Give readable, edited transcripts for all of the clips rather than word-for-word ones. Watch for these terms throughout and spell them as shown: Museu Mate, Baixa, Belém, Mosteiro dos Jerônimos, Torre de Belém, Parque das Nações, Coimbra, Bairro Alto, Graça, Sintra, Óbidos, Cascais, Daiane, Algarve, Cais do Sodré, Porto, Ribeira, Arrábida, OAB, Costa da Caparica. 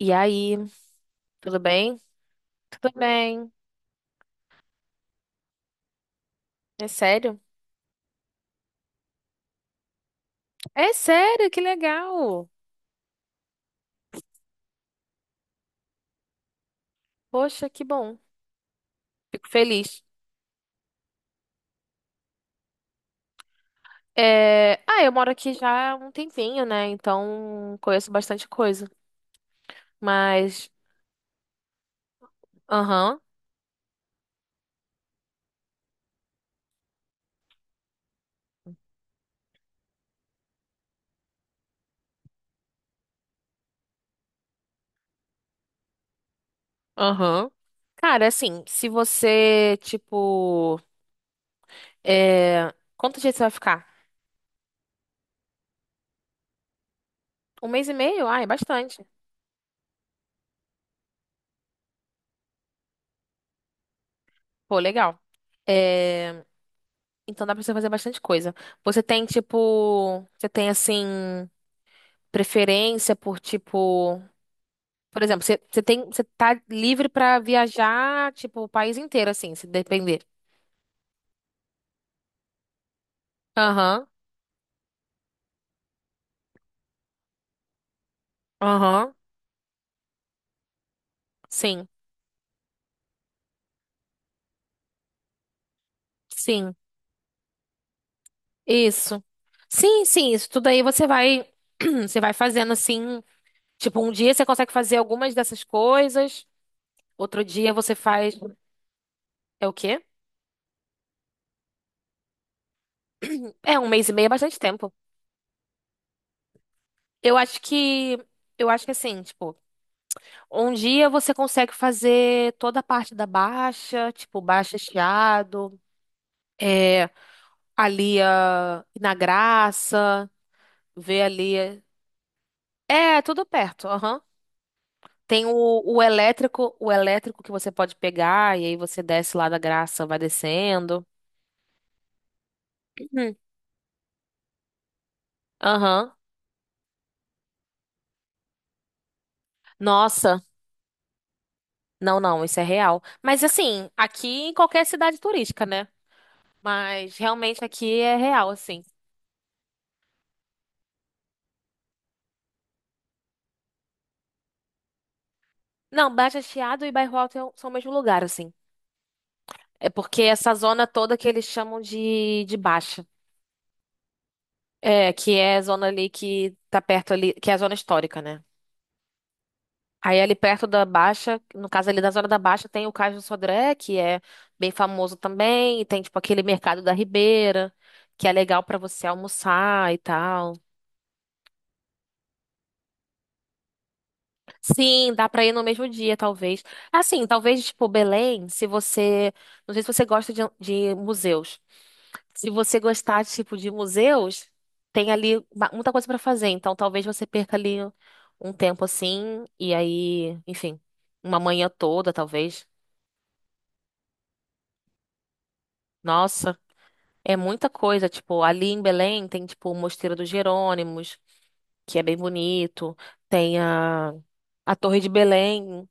E aí, tudo bem? Tudo bem. É sério? É sério, que legal. Poxa, que bom. Fico feliz. É, ah, eu moro aqui já há um tempinho, né? Então conheço bastante coisa. Mas, aham, aham. Cara, assim, se você, tipo, quanto dia você vai ficar? Um mês e meio? Ah, é bastante. Pô, legal. É, Então dá pra você fazer bastante coisa. Você tem assim, preferência por tipo, por exemplo, você tem, você tá livre pra viajar, tipo, o país inteiro assim, se depender. Aham. Aham. Sim. Sim. Isso. Sim, sim, isso tudo aí você vai, você vai fazendo assim, tipo, um dia você consegue fazer algumas dessas coisas, outro dia você faz. É o quê? É um mês e meio, é bastante tempo. Eu acho que eu acho que assim, tipo, um dia você consegue fazer toda a parte da baixa, tipo, baixa Chiado. É, Ali na Graça, ver ali. É tudo perto, aham. Tem o elétrico que você pode pegar, e aí você desce lá da Graça, vai descendo. Uhum. Aham. Nossa, não, não, isso é real. Mas assim, aqui em qualquer cidade turística, né? Mas realmente aqui é real, assim. Não, Baixa Chiado e Bairro Alto são o mesmo lugar, assim. É porque essa zona toda que eles chamam de Baixa. É, que é a zona ali que tá perto ali, que é a zona histórica, né? Aí ali perto da Baixa, no caso ali da zona da Baixa, tem o Cais do Sodré, que é bem famoso também, e tem tipo aquele mercado da Ribeira, que é legal pra você almoçar e tal. Sim, dá pra ir no mesmo dia, talvez. Assim, talvez tipo Belém, se você, não sei se você gosta de museus. Se você gostar, tipo, de museus, tem ali muita coisa para fazer. Então, talvez você perca ali um tempo assim, e aí, enfim, uma manhã toda, talvez. Nossa, é muita coisa. Tipo, ali em Belém tem, tipo, o Mosteiro dos Jerônimos, que é bem bonito. Tem a Torre de Belém.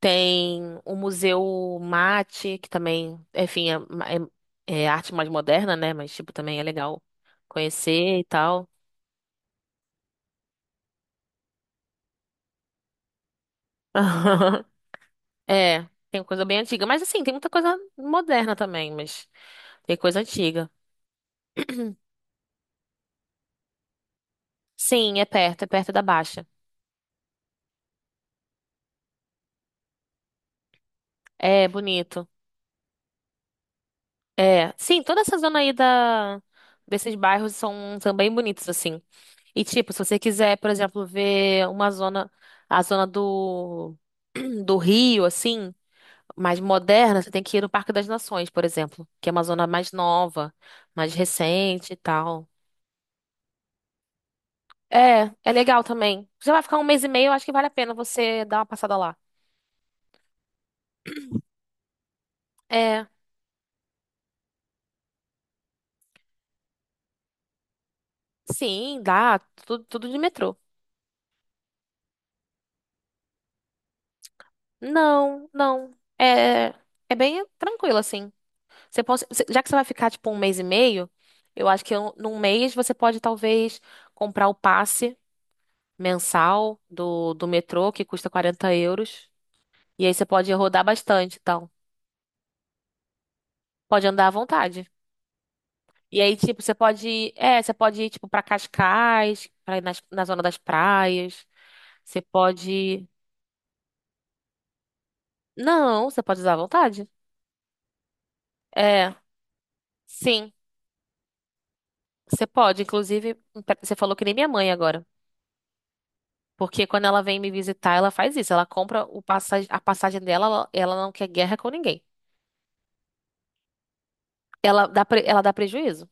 Tem o Museu Mate, que também, enfim, é arte mais moderna, né? Mas, tipo, também é legal conhecer e tal. É, tem coisa bem antiga. Mas assim, tem muita coisa moderna também, mas tem coisa antiga. Sim, é perto da Baixa. É bonito. É. Sim, toda essa zona aí da... desses bairros são, são bem bonitos, assim. E tipo, se você quiser, por exemplo, ver uma zona, a zona do, do Rio, assim, mais moderna, você tem que ir no Parque das Nações, por exemplo, que é uma zona mais nova, mais recente e tal. É, é legal também. Você vai ficar um mês e meio, eu acho que vale a pena você dar uma passada lá. É, sim, dá, tudo de metrô. Não, não. É, é bem tranquilo, assim. Você pode, já que você vai ficar, tipo, um mês e meio, eu acho que num mês você pode, talvez, comprar o passe mensal do metrô, que custa 40 euros. E aí você pode rodar bastante, então. Pode andar à vontade. E aí, tipo, você pode ir, é, você pode ir, tipo, pra Cascais, pra ir nas- na zona das praias. Você pode. Não, você pode usar à vontade. É, sim, você pode. Inclusive, você falou que nem minha mãe agora. Porque quando ela vem me visitar, ela faz isso. Ela compra o passagem, a passagem dela, ela não quer guerra com ninguém. Ela dá prejuízo.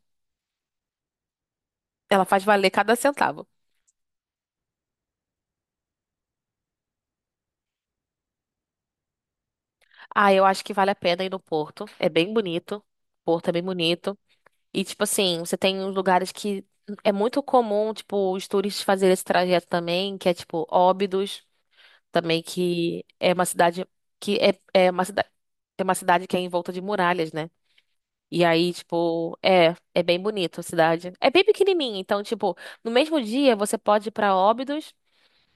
Ela faz valer cada centavo. Ah, eu acho que vale a pena ir no Porto. É bem bonito. Porto é bem bonito. E, tipo assim, você tem uns lugares que é muito comum, tipo, os turistas fazerem esse trajeto também, que é, tipo, Óbidos, também, que é, uma cidade que é uma cidade, é uma cidade que é envolta de muralhas, né? E aí, tipo, é bem bonito a cidade. É bem pequenininha, então, tipo, no mesmo dia você pode ir pra Óbidos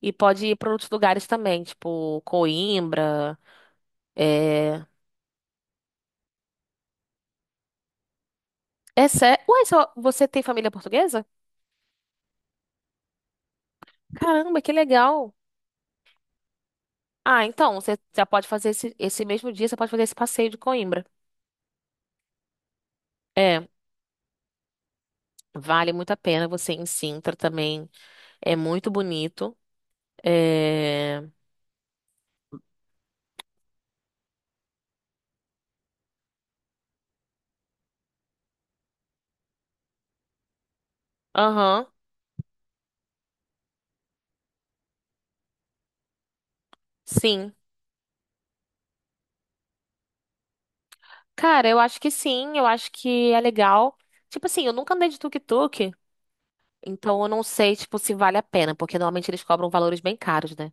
e pode ir pra outros lugares também, tipo, Coimbra, é... É sério? Ué, só você tem família portuguesa? Caramba, que legal! Ah, então, você já pode fazer esse, esse mesmo dia, você pode fazer esse passeio de Coimbra. É, vale muito a pena você ir em Sintra também. É muito bonito. É. Aham, sim. Cara, eu acho que sim, eu acho que é legal. Tipo assim, eu nunca andei de tuk-tuk, então eu não sei, tipo, se vale a pena, porque normalmente eles cobram valores bem caros, né?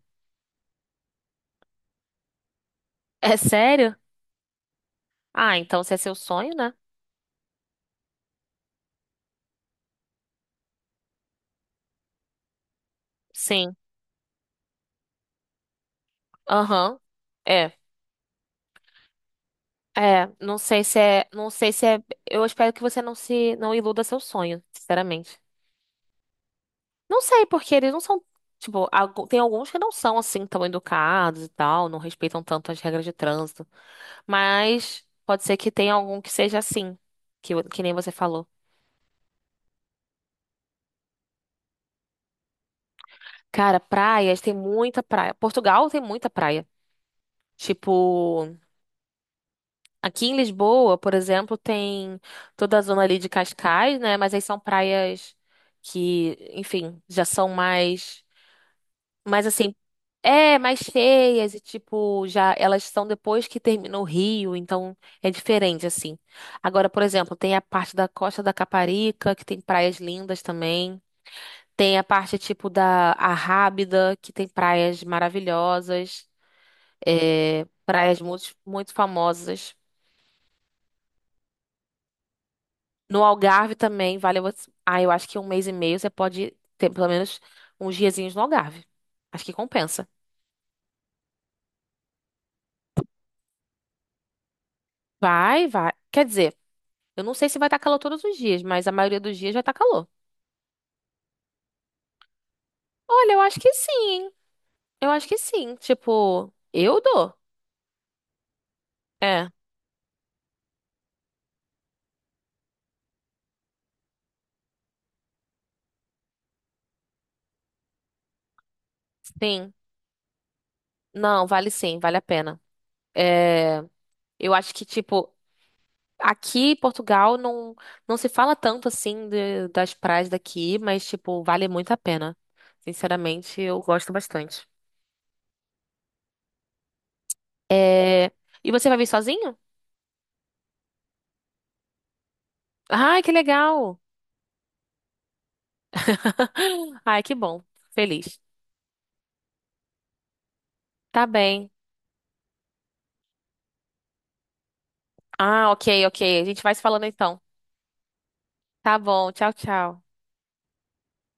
É sério? Ah, então se é seu sonho, né? Sim. Aham. É. É, não sei se é, não sei se é, eu espero que você não se, não iluda seu sonho, sinceramente. Não sei, porque eles não são, tipo, tem alguns que não são assim tão educados e tal, não respeitam tanto as regras de trânsito, mas pode ser que tenha algum que seja assim, que, o- que nem você falou. Cara, praias, tem muita praia. Portugal tem muita praia. Tipo, aqui em Lisboa, por exemplo, tem toda a zona ali de Cascais, né? Mas aí são praias que, enfim, já são mais. Mas assim, é mais cheias e tipo, já elas são depois que termina o rio, então é diferente assim. Agora, por exemplo, tem a parte da Costa da Caparica, que tem praias lindas também. Tem a parte tipo da Arrábida, que tem praias maravilhosas, é, praias muito, muito famosas. No Algarve também, vale você. Ah, eu acho que um mês e meio você pode ter pelo menos uns diazinhos no Algarve. Acho que compensa. Vai, vai. Quer dizer, eu não sei se vai estar calor todos os dias, mas a maioria dos dias vai estar calor. Olha, eu acho que sim, hein? Eu acho que sim. Tipo, eu dou. É, sim. Não, vale sim, vale a pena. É, eu acho que, tipo, aqui em Portugal não, não se fala tanto assim das praias daqui, mas, tipo, vale muito a pena. Sinceramente, eu gosto bastante. É, e você vai vir sozinho? Ai, que legal! Ai, que bom. Feliz. Tá bem. Ah, ok, ok. A gente vai se falando então. Tá bom, tchau, tchau.